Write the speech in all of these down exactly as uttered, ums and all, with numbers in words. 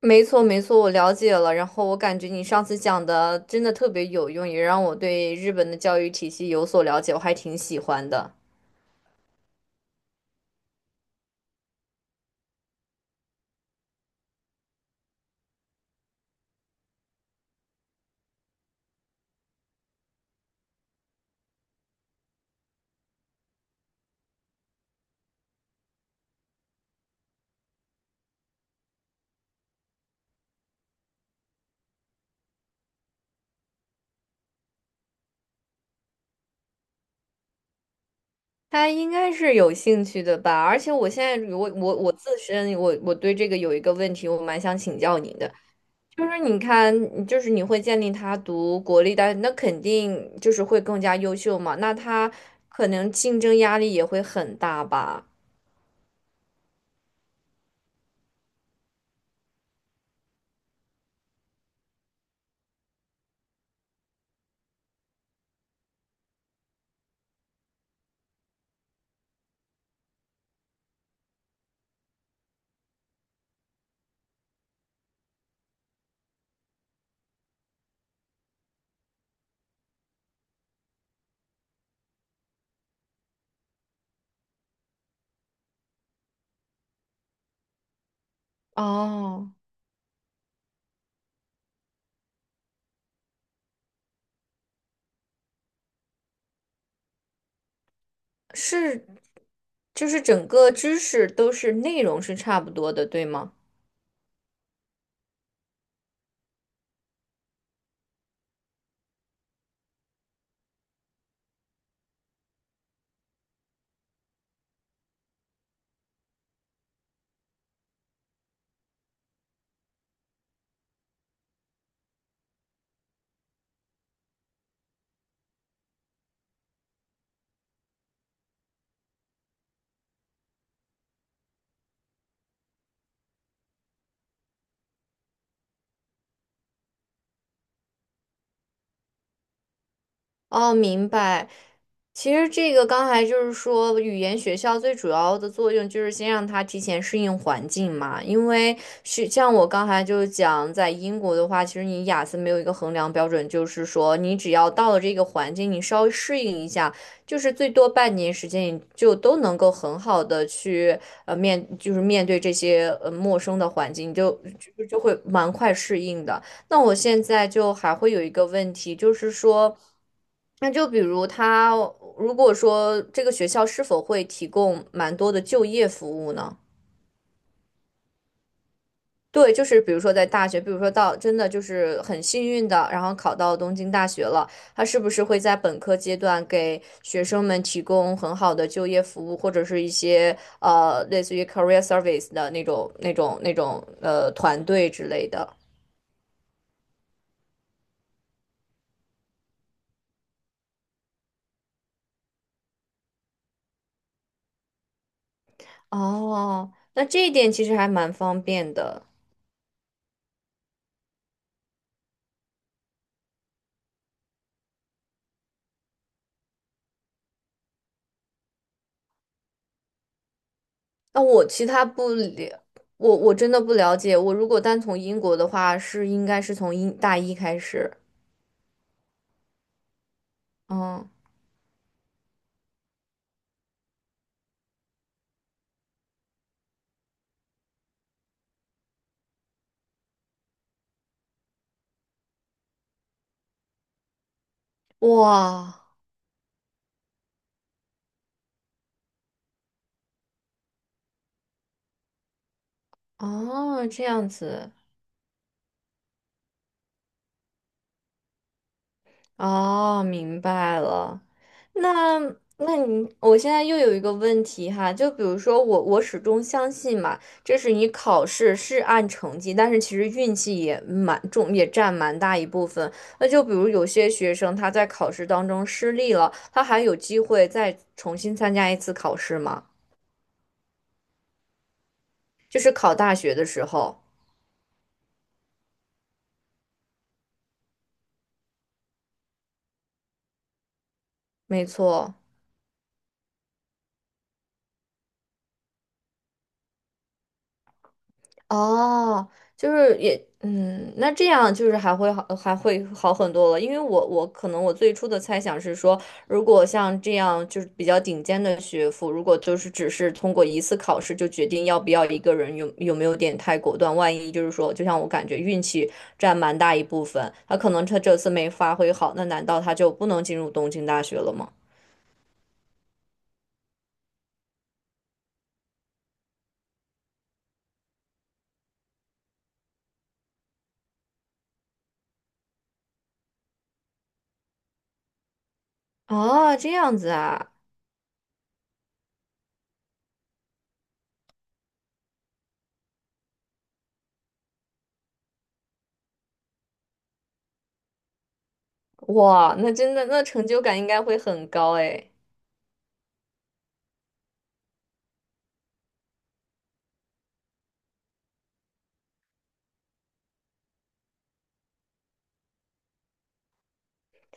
没错，没错，我了解了。然后我感觉你上次讲的真的特别有用，也让我对日本的教育体系有所了解，我还挺喜欢的。他应该是有兴趣的吧？而且我现在我我我自身我我对这个有一个问题，我蛮想请教您的。就是你看，就是你会建议他读国立大学，那肯定就是会更加优秀嘛，那他可能竞争压力也会很大吧？哦。是。就是整个知识都是内容是差不多的，对吗？哦，明白。其实这个刚才就是说，语言学校最主要的作用就是先让他提前适应环境嘛。因为是像我刚才就讲，在英国的话，其实你雅思没有一个衡量标准，就是说你只要到了这个环境，你稍微适应一下，就是最多半年时间，你就都能够很好的去呃面，就是面对这些呃陌生的环境，你就就就会蛮快适应的。那我现在就还会有一个问题，就是说。那就比如他如果说这个学校是否会提供蛮多的就业服务呢？对，就是比如说在大学，比如说到真的就是很幸运的，然后考到东京大学了，他是不是会在本科阶段给学生们提供很好的就业服务，或者是一些呃类似于 career service 的那种那种那种呃团队之类的？哦，那这一点其实还蛮方便的。那我其他不了，我我真的不了解。我如果单从英国的话，是应该是从英大一开始。嗯，哇，哦，这样子。哦，明白了。那那你，我现在又有一个问题哈。就比如说我，我始终相信嘛，这是你考试是按成绩，但是其实运气也蛮重，也占蛮大一部分。那就比如有些学生他在考试当中失利了，他还有机会再重新参加一次考试吗？就是考大学的时候。没错。哦，就是也。嗯，那这样就是还会好，还会好很多了。因为我我可能我最初的猜想是说，如果像这样就是比较顶尖的学府，如果就是只是通过一次考试就决定要不要一个人有有没有点太果断，万一就是说，就像我感觉运气占蛮大一部分，他可能他这次没发挥好，那难道他就不能进入东京大学了吗？哦，这样子啊。哇，那真的那成就感应该会很高诶。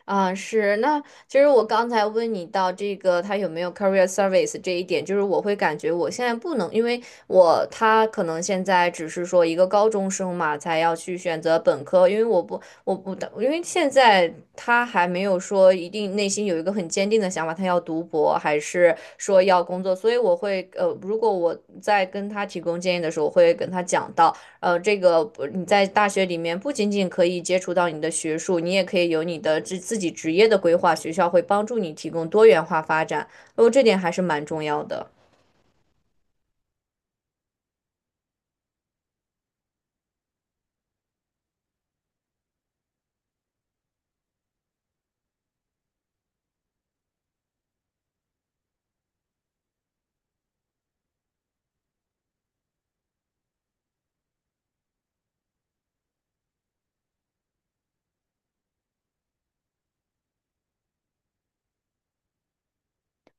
啊，是。那其实我刚才问你到这个他有没有 career service 这一点，就是我会感觉我现在不能，因为我他可能现在只是说一个高中生嘛，才要去选择本科，因为我不我不因为现在他还没有说一定内心有一个很坚定的想法，他要读博还是说要工作，所以我会呃，如果我在跟他提供建议的时候，我会跟他讲到。呃，这个不你在大学里面不仅仅可以接触到你的学术，你也可以有你的自自己职业的规划，学校会帮助你提供多元化发展。哦，这点还是蛮重要的。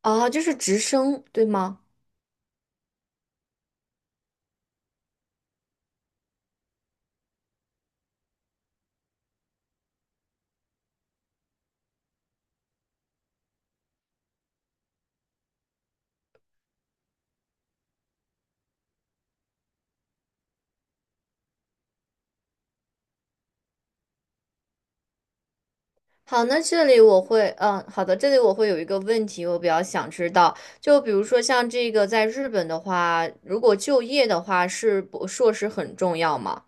哦，就是直升，对吗？好，那这里我会，嗯，好的，这里我会有一个问题，我比较想知道，就比如说像这个在日本的话，如果就业的话，是博硕士很重要吗？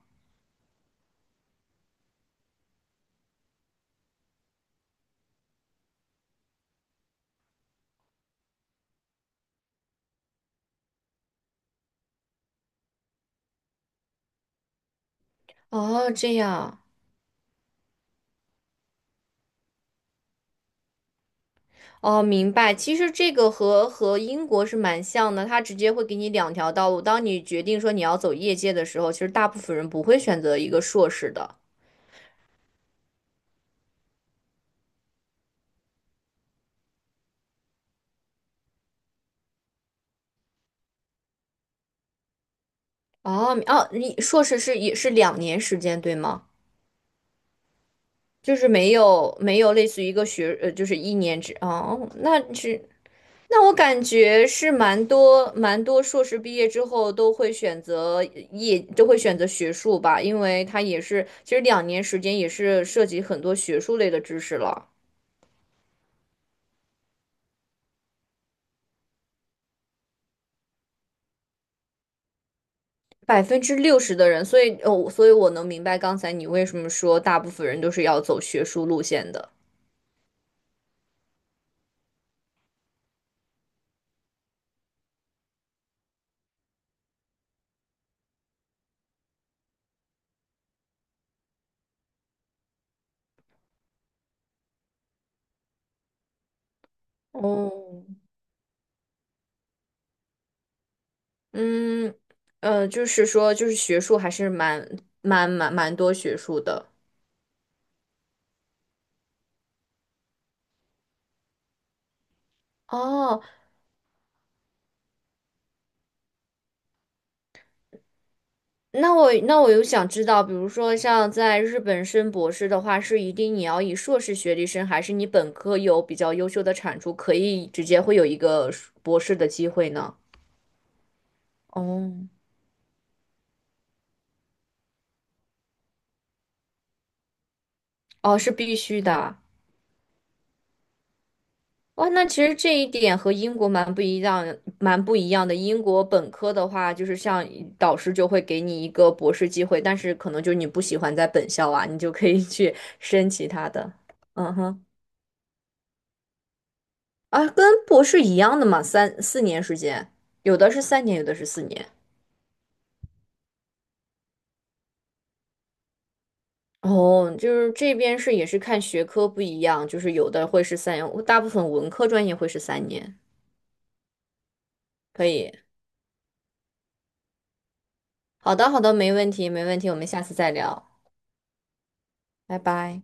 哦，这样。哦，明白。其实这个和和英国是蛮像的，它直接会给你两条道路。当你决定说你要走业界的时候，其实大部分人不会选择一个硕士的。哦哦，你硕士是也是两年时间，对吗？就是没有没有类似于一个学呃，就是一年制哦。那是那我感觉是蛮多蛮多硕士毕业之后都会选择业，都会选择学术吧，因为它也是其实两年时间也是涉及很多学术类的知识了。百分之六十的人，所以哦，所以我能明白刚才你为什么说大部分人都是要走学术路线的。哦，嗯，呃，就是说，就是学术还是蛮蛮蛮蛮多学术的。哦，那我那我有想知道，比如说像在日本升博士的话，是一定你要以硕士学历升，还是你本科有比较优秀的产出，可以直接会有一个硕博士的机会呢？哦，哦，是必须的啊。哇，那其实这一点和英国蛮不一样，蛮不一样的。英国本科的话，就是像导师就会给你一个博士机会，但是可能就你不喜欢在本校啊，你就可以去 申其他的。嗯哼，啊，跟博士一样的嘛，三四年时间，有的是三年，有的是四年。哦，就是这边是也是看学科不一样，就是有的会是三年，大部分文科专业会是三年。可以，好的，好的，没问题，没问题，我们下次再聊，拜拜。